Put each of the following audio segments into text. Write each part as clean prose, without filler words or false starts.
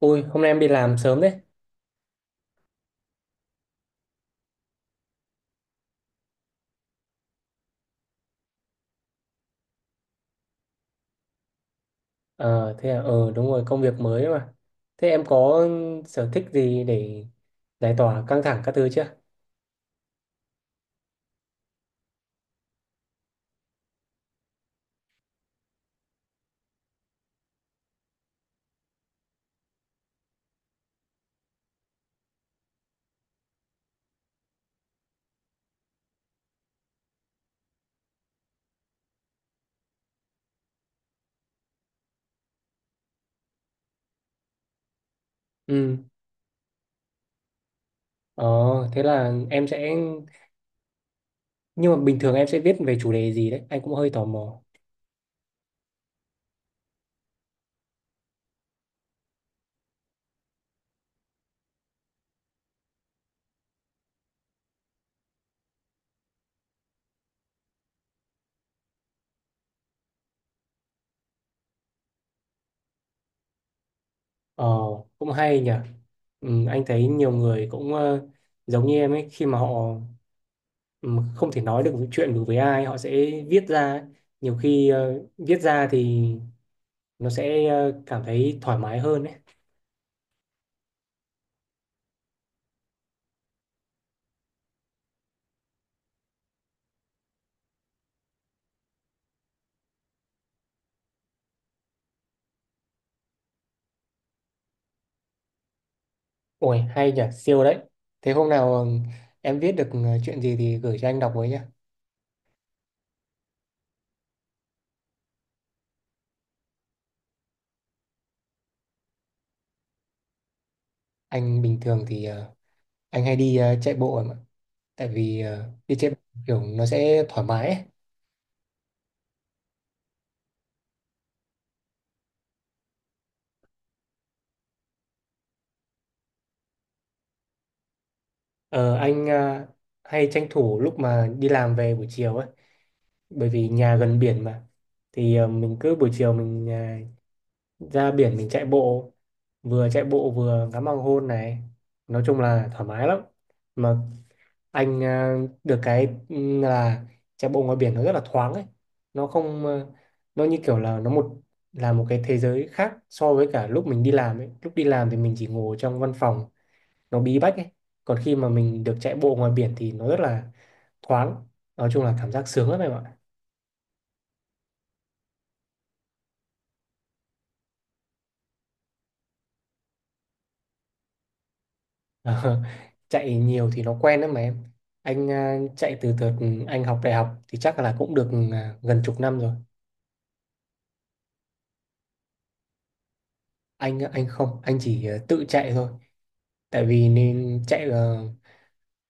Ui, hôm nay em đi làm sớm đấy. Ờ, thế à, đúng rồi, công việc mới ấy mà. Thế em có sở thích gì để giải tỏa căng thẳng các thứ chưa? Ừ. ờ, thế là em sẽ... Nhưng mà bình thường em sẽ viết về chủ đề gì đấy? Anh cũng hơi tò mò. Ờ, cũng hay nhỉ. Ừ, anh thấy nhiều người cũng giống như em ấy, khi mà họ ừ, không thể nói được chuyện được với ai, họ sẽ viết ra ấy. Nhiều khi viết ra thì nó sẽ cảm thấy thoải mái hơn ấy. Ôi hay nhỉ, siêu đấy. Thế hôm nào em viết được chuyện gì thì gửi cho anh đọc với nhá. Anh bình thường thì anh hay đi chạy bộ em ạ. Tại vì đi chạy bộ kiểu nó sẽ thoải mái ấy. Ờ, anh hay tranh thủ lúc mà đi làm về buổi chiều ấy, bởi vì nhà gần biển mà. Thì mình cứ buổi chiều mình ờ, ra biển mình chạy bộ vừa ngắm hoàng hôn này. Nói chung là thoải mái lắm. Mà anh à, được cái là chạy bộ ngoài biển nó rất là thoáng ấy. Nó không à, nó như kiểu là nó một là một cái thế giới khác so với cả lúc mình đi làm ấy. Lúc đi làm thì mình chỉ ngồi trong văn phòng nó bí bách ấy. Còn khi mà mình được chạy bộ ngoài biển thì nó rất là thoáng. Nói chung là cảm giác sướng lắm em ạ. Ờ, chạy nhiều thì nó quen đấy mà em. Anh à, chạy từ từ. Anh học đại học thì chắc là cũng được à, gần chục năm rồi. Anh không, anh chỉ à, tự chạy thôi. Tại vì nên chạy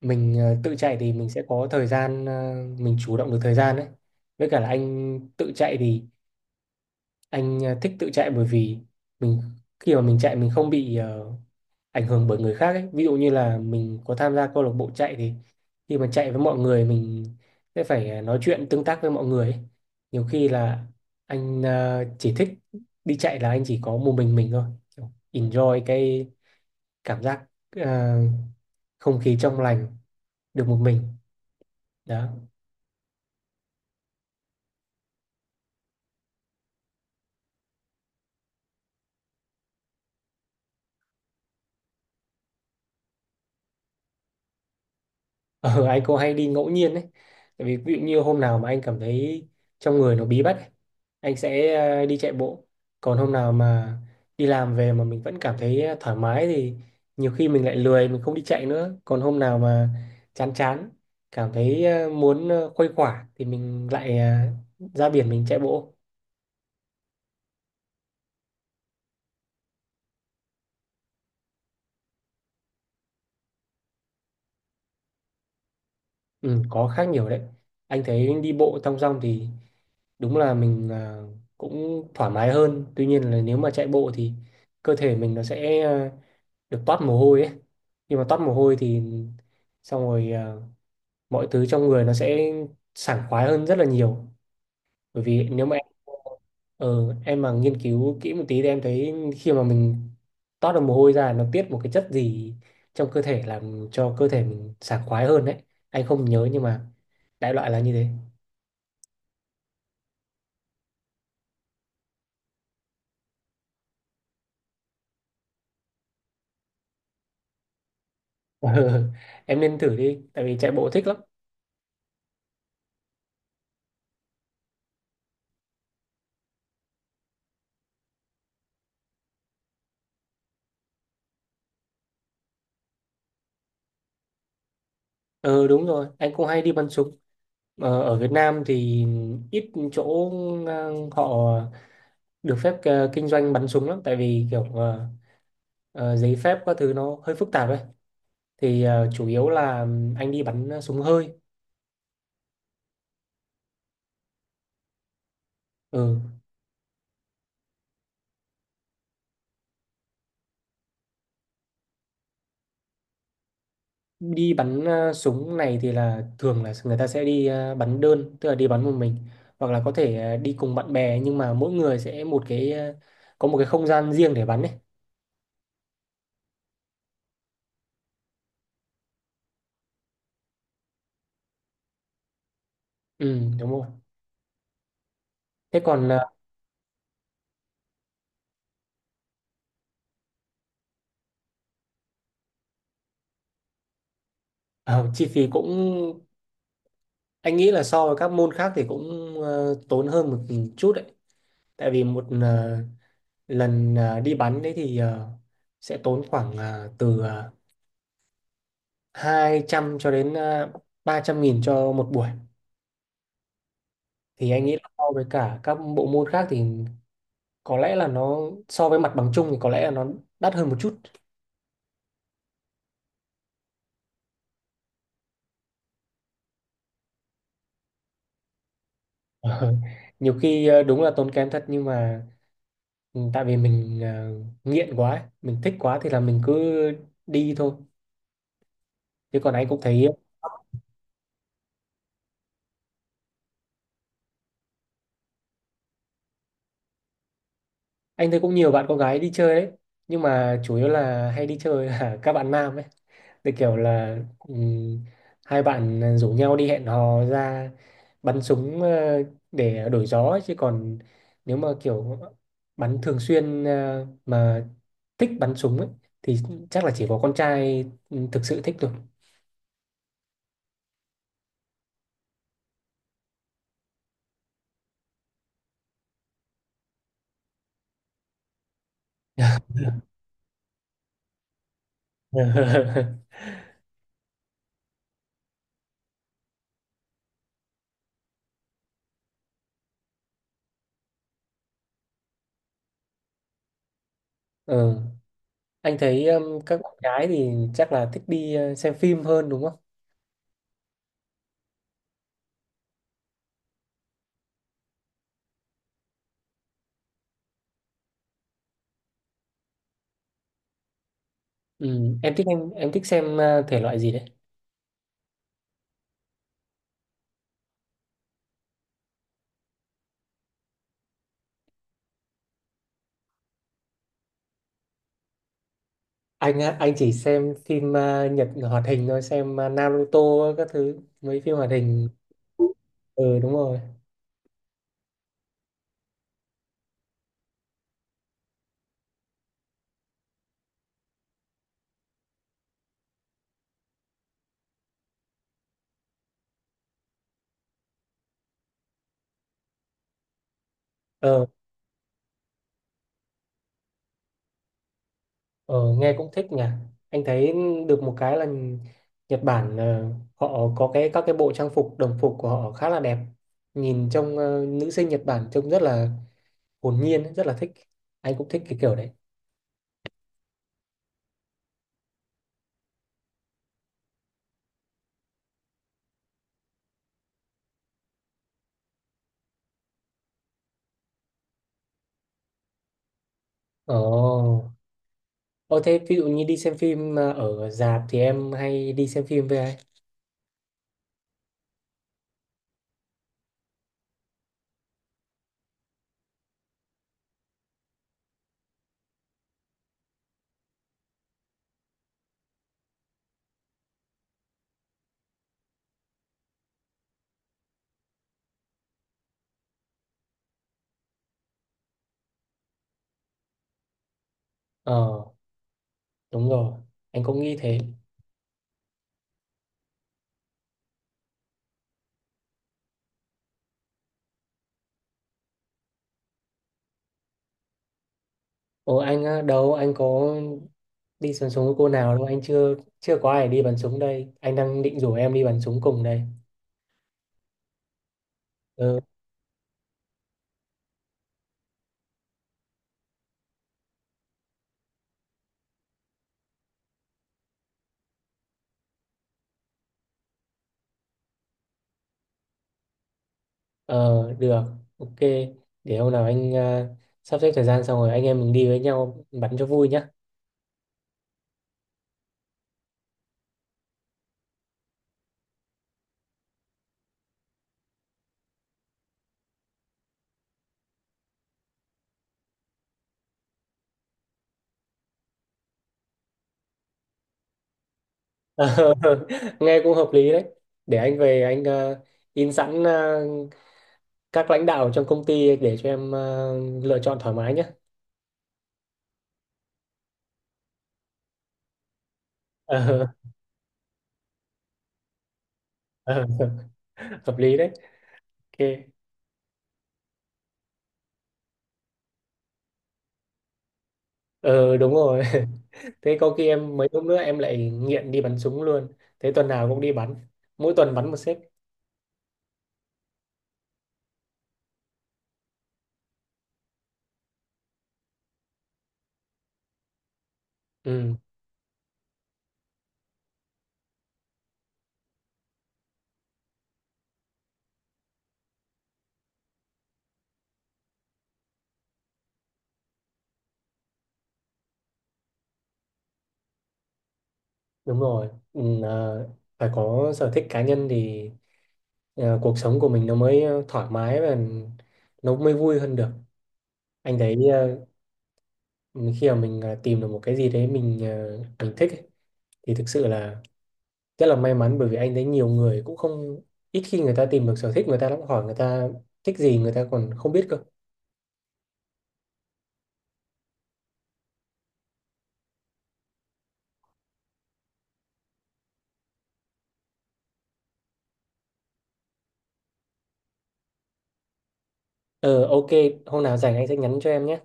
mình tự chạy thì mình sẽ có thời gian mình chủ động được thời gian đấy. Với cả là anh tự chạy thì anh thích tự chạy, bởi vì mình khi mà mình chạy mình không bị ảnh hưởng bởi người khác ấy, ví dụ như là mình có tham gia câu lạc bộ chạy thì khi mà chạy với mọi người mình sẽ phải nói chuyện tương tác với mọi người ấy. Nhiều khi là anh chỉ thích đi chạy là anh chỉ có một mình thôi. Kiểu enjoy cái cảm giác ờ, không khí trong lành, được một mình đó. Ờ, anh cũng hay đi ngẫu nhiên đấy. Tại vì ví dụ như hôm nào mà anh cảm thấy trong người nó bí bách ấy, anh sẽ đi chạy bộ. Còn hôm nào mà đi làm về mà mình vẫn cảm thấy thoải mái thì nhiều khi mình lại lười, mình không đi chạy nữa. Còn hôm nào mà chán chán, cảm thấy muốn khuây khỏa thì mình lại ra biển mình chạy bộ. Ừ, có khác nhiều đấy. Anh thấy đi bộ thong dong thì đúng là mình cũng thoải mái hơn. Tuy nhiên là nếu mà chạy bộ thì cơ thể mình nó sẽ được toát mồ hôi ấy, nhưng mà toát mồ hôi thì xong rồi à, mọi thứ trong người nó sẽ sảng khoái hơn rất là nhiều. Bởi vì nếu mà em mà nghiên cứu kỹ một tí thì em thấy khi mà mình toát được mồ hôi ra nó tiết một cái chất gì trong cơ thể làm cho cơ thể mình sảng khoái hơn đấy. Anh không nhớ nhưng mà đại loại là như thế. Ờ, em nên thử đi, tại vì chạy bộ thích lắm. Ờ Đúng rồi, anh cũng hay đi bắn súng. Ở Việt Nam thì ít chỗ họ được phép kinh doanh bắn súng lắm, tại vì kiểu giấy phép các thứ nó hơi phức tạp ấy. Thì chủ yếu là anh đi bắn súng hơi. Ừ. Đi bắn súng này thì là thường là người ta sẽ đi bắn đơn, tức là đi bắn một mình, hoặc là có thể đi cùng bạn bè, nhưng mà mỗi người sẽ một cái có một cái không gian riêng để bắn ấy. Ừ, đúng rồi. Thế còn ờ, chi phí cũng anh nghĩ là so với các môn khác thì cũng tốn hơn một chút đấy. Tại vì một lần à, đi bắn đấy thì à, sẽ tốn khoảng à, từ à, 200 cho đến à, 300.000 cho một buổi. Thì anh nghĩ là so với cả các bộ môn khác thì có lẽ là nó so với mặt bằng chung thì có lẽ là nó đắt hơn một chút. Ờ, nhiều khi à, đúng là tốn kém thật, nhưng mà tại vì mình à, nghiện quá ấy, mình thích quá thì là mình cứ đi thôi. Chứ còn anh thấy cũng nhiều bạn con gái đi chơi đấy, nhưng mà chủ yếu là hay đi chơi là các bạn nam ấy. Cái kiểu là hai bạn rủ nhau đi hẹn hò ra bắn súng để đổi gió ấy. Chứ còn nếu mà kiểu bắn thường xuyên mà thích bắn súng ấy, thì chắc là chỉ có con trai thực sự thích thôi. Ừ. Anh thấy các bạn gái thì chắc là thích đi xem phim hơn đúng không? Ừ. Em thích xem thể loại gì đấy? Anh á, anh chỉ xem phim Nhật hoạt hình thôi, xem Naruto các thứ, mấy phim hoạt hình. Ừ đúng rồi. ờ ờ Nghe cũng thích nhỉ. Anh thấy được một cái là Nhật Bản họ có cái các cái bộ trang phục đồng phục của họ khá là đẹp, nhìn trông nữ sinh Nhật Bản trông rất là hồn nhiên, rất là thích. Anh cũng thích cái kiểu đấy. Ồ Ồ thế ví dụ như đi xem phim ở rạp thì em hay đi xem phim với ai? Ờ đúng rồi, anh cũng nghĩ thế. Ồ anh á, đâu anh có đi bắn súng với cô nào đâu, anh chưa chưa có ai đi bắn súng đây, anh đang định rủ em đi bắn súng cùng đây. Ừ. ờ Được, ok, để hôm nào anh à, sắp xếp thời gian xong rồi anh em mình đi với nhau bắn cho vui nhá. Ờ, nghe cũng hợp lý đấy, để anh về anh à, in sẵn à, các lãnh đạo trong công ty để cho em à, lựa chọn thoải mái nhé. Hợp lý đấy. Ok. Ờ Đúng rồi. Thế có khi em mấy hôm nữa em lại nghiện đi bắn súng luôn. Thế tuần nào cũng đi bắn, mỗi tuần bắn một xếp. Ừ đúng rồi. Ừ, phải có sở thích cá nhân thì cuộc sống của mình nó mới thoải mái và nó mới vui hơn được. Anh thấy khi mà mình tìm được một cái gì đấy mình thích ấy, thì thực sự là rất là may mắn. Bởi vì anh thấy nhiều người cũng không ít khi người ta tìm được sở thích người ta lắm, hỏi người ta thích gì người ta còn không biết cơ. Ờ ok, hôm nào rảnh anh sẽ nhắn cho em nhé.